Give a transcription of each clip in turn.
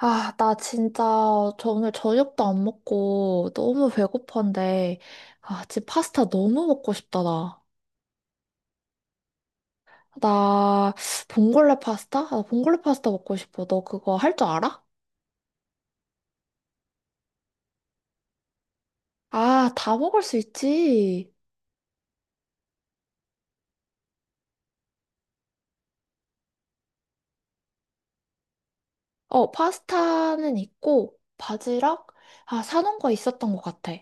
아, 나 진짜 저 오늘 저녁도 안 먹고 너무 배고픈데, 아, 지금 파스타 너무 먹고 싶다, 나. 나 봉골레 파스타? 아, 봉골레 파스타 먹고 싶어. 너 그거 할 줄 알아? 아, 다 먹을 수 있지. 어, 파스타는 있고, 바지락? 아, 사놓은 거 있었던 것 같아.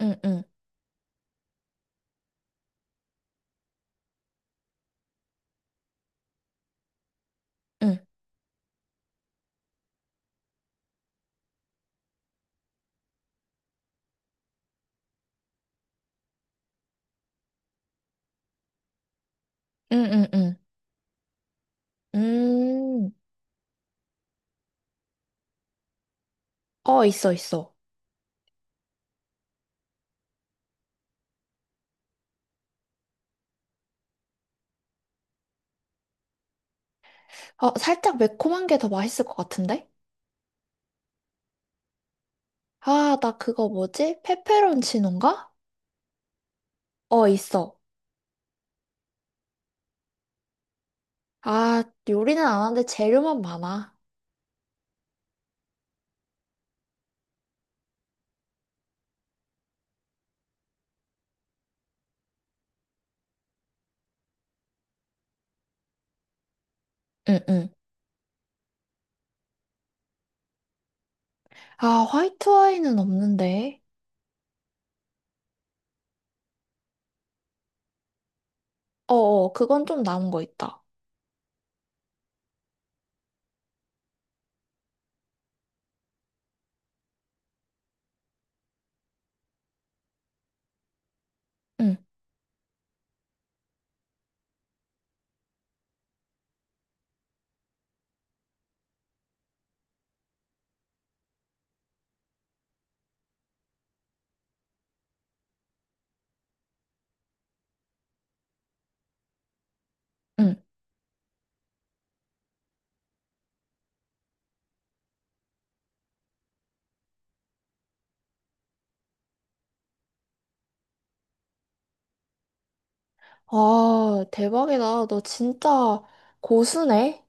응, 응, 응, 응, 응, 응. 음, 어, 있어, 있어. 어, 살짝 매콤한 게 더 맛있을 것 같은데? 아, 나 그거 뭐지? 페페론치노인가? 어, 있어. 아, 요리는 안 하는데 재료만 많아. 응, 응. 아, 화이트 와인은 없는데. 어, 어, 그건 좀 남은 거 있다. 응, 응. 아, 대박이다. 너 진짜 고수네?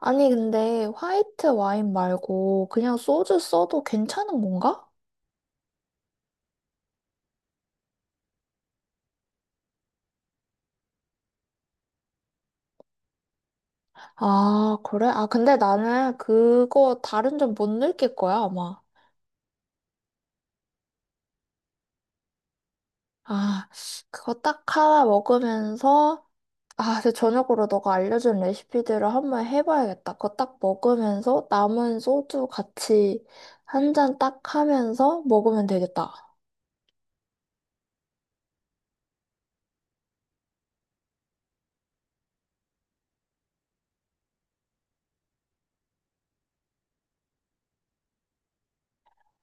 아니, 근데 화이트 와인 말고 그냥 소주 써도 괜찮은 건가? 아, 그래? 아, 근데 나는 그거 다른 점 못 느낄 거야, 아마. 아, 그거 딱 하나 먹으면서 아, 근데 저녁으로 너가 알려준 레시피들을 한번 해봐야겠다. 그거 딱 먹으면서 남은 소주 같이 한 잔 딱 하면서 먹으면 되겠다.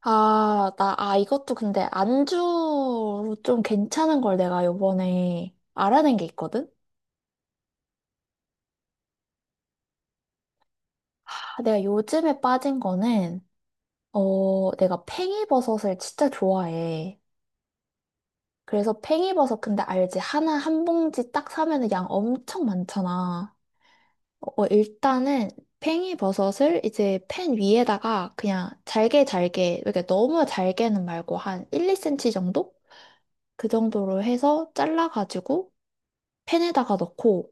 아, 나, 아, 이것도 근데 안주 좀 괜찮은 걸 내가 요번에 알아낸 게 있거든? 아, 내가 요즘에 빠진 거는, 어, 내가 팽이버섯을 진짜 좋아해. 그래서 팽이버섯 근데 알지? 하나 한 봉지 딱 사면은 양 엄청 많잖아. 어, 일단은 팽이버섯을 이제 팬 위에다가 그냥 잘게 잘게, 이렇게 너무 잘게는 말고 한 1, 2cm 정도? 그 정도로 해서 잘라가지고 팬에다가 넣고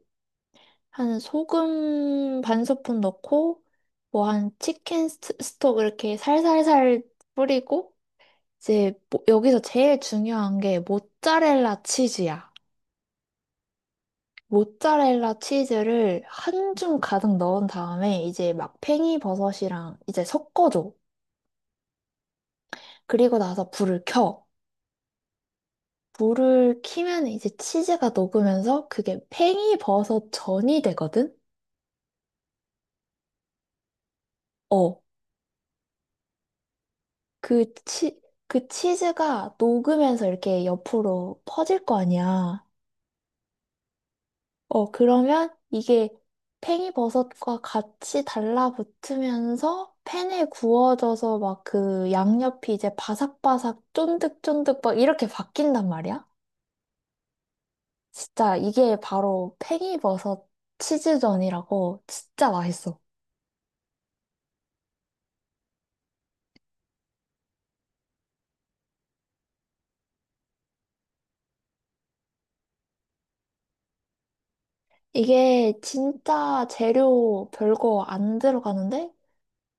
한 소금 반 스푼 넣고 뭐 한 치킨 스톡 이렇게 살살살 뿌리고 이제 여기서 제일 중요한 게 모짜렐라 치즈야. 모짜렐라 치즈를 한줌 가득 넣은 다음에 이제 막 팽이버섯이랑 이제 섞어줘. 그리고 나서 불을 켜. 불을 키면 이제 치즈가 녹으면서 그게 팽이버섯 전이 되거든? 어, 그 치, 그 치즈가 녹으면서 이렇게 옆으로 퍼질 거 아니야. 어, 그러면 이게 팽이버섯과 같이 달라붙으면서 팬에 구워져서 막 그 양옆이 이제 바삭바삭 쫀득쫀득 막 이렇게 바뀐단 말이야? 진짜 이게 바로 팽이버섯 치즈전이라고 진짜 맛있어. 이게 진짜 재료 별거 안 들어가는데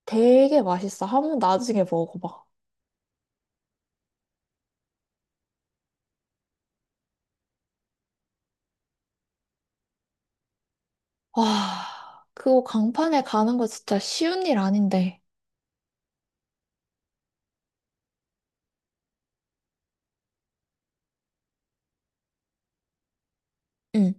되게 맛있어. 한번 나중에 먹어봐. 와, 그거 강판에 가는 거 진짜 쉬운 일 아닌데. 응,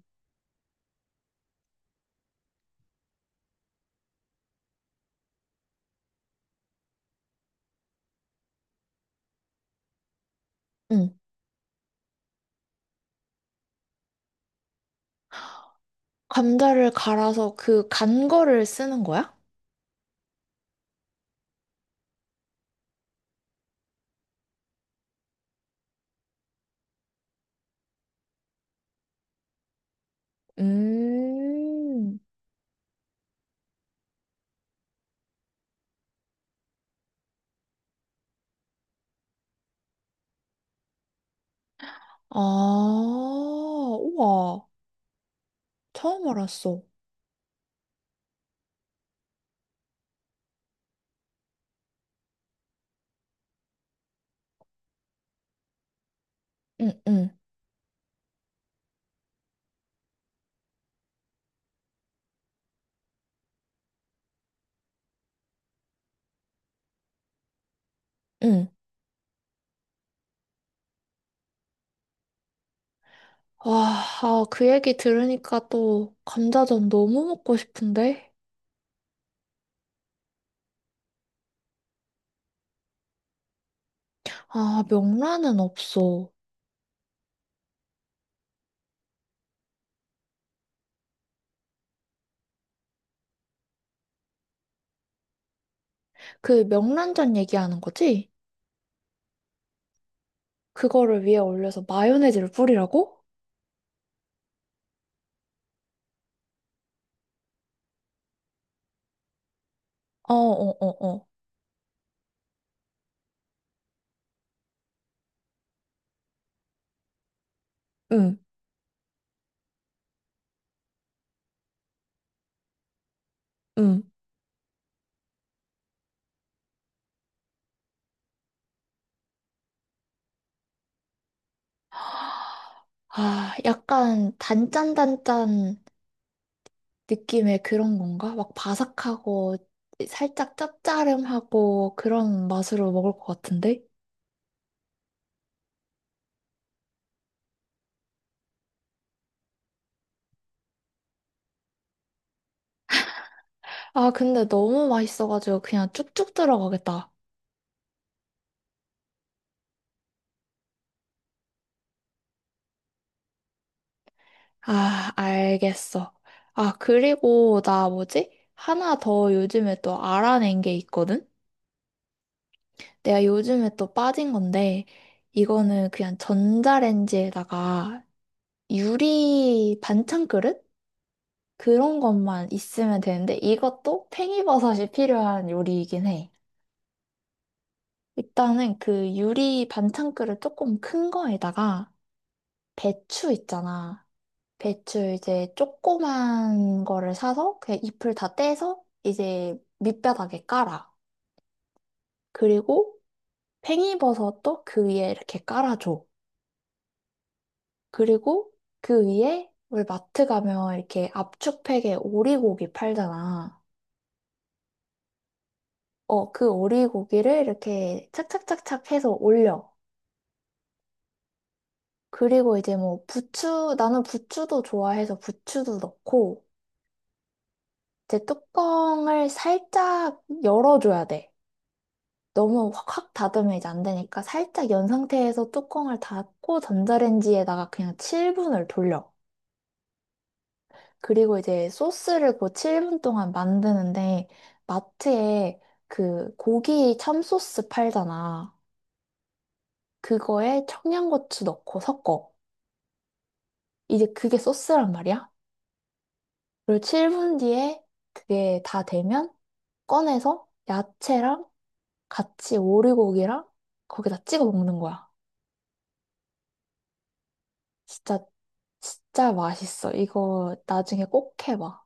응. 감자를 갈아서 그 간 거를 쓰는 거야? 음, 아, 우와. 처음 알았어. 응, 응, 응. 와, 아, 그 얘기 들으니까 또 감자전 너무 먹고 싶은데? 아, 명란은 없어. 그 명란젓 얘기하는 거지? 그거를 위에 올려서 마요네즈를 뿌리라고? 어, 어, 어, 어. 응, 응. 아, 약간 단짠단짠 느낌의 그런 건가? 막 바삭하고 살짝 짭짜름하고 그런 맛으로 먹을 것 같은데? 아, 근데 너무 맛있어가지고 그냥 쭉쭉 들어가겠다. 아, 알겠어. 아, 그리고 나 뭐지? 하나 더 요즘에 또 알아낸 게 있거든? 내가 요즘에 또 빠진 건데, 이거는 그냥 전자레인지에다가 유리 반찬 그릇? 그런 것만 있으면 되는데, 이것도 팽이버섯이 필요한 요리이긴 해. 일단은 그 유리 반찬그릇 조금 큰 거에다가 배추 있잖아. 배추 이제 조그만 거를 사서 그냥 잎을 다 떼서 이제 밑바닥에 깔아. 그리고 팽이버섯도 그 위에 이렇게 깔아줘. 그리고 그 위에 우리 마트 가면 이렇게 압축팩에 오리고기 팔잖아. 어, 그 오리고기를 이렇게 착착착착 해서 올려. 그리고 이제 뭐 부추, 나는 부추도 좋아해서 부추도 넣고, 이제 뚜껑을 살짝 열어줘야 돼. 너무 확확 닫으면 이제 안 되니까 살짝 연 상태에서 뚜껑을 닫고 전자레인지에다가 그냥 7분을 돌려. 그리고 이제 소스를 그 7분 동안 만드는데 마트에 그 고기 참소스 팔잖아. 그거에 청양고추 넣고 섞어. 이제 그게 소스란 말이야. 그리고 7분 뒤에 그게 다 되면 꺼내서 야채랑 같이 오리고기랑 거기다 찍어 먹는 거야. 진짜, 진짜 맛있어. 이거 나중에 꼭 해봐.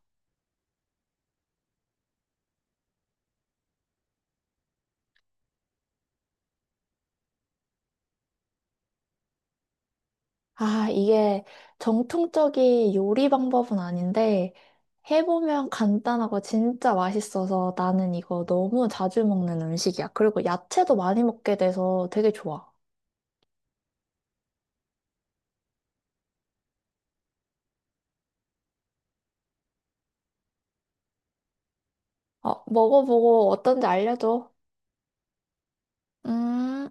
아, 이게 정통적인 요리 방법은 아닌데, 해보면 간단하고 진짜 맛있어서 나는 이거 너무 자주 먹는 음식이야. 그리고 야채도 많이 먹게 돼서 되게 좋아. 어, 먹어보고 어떤지 알려줘. 음.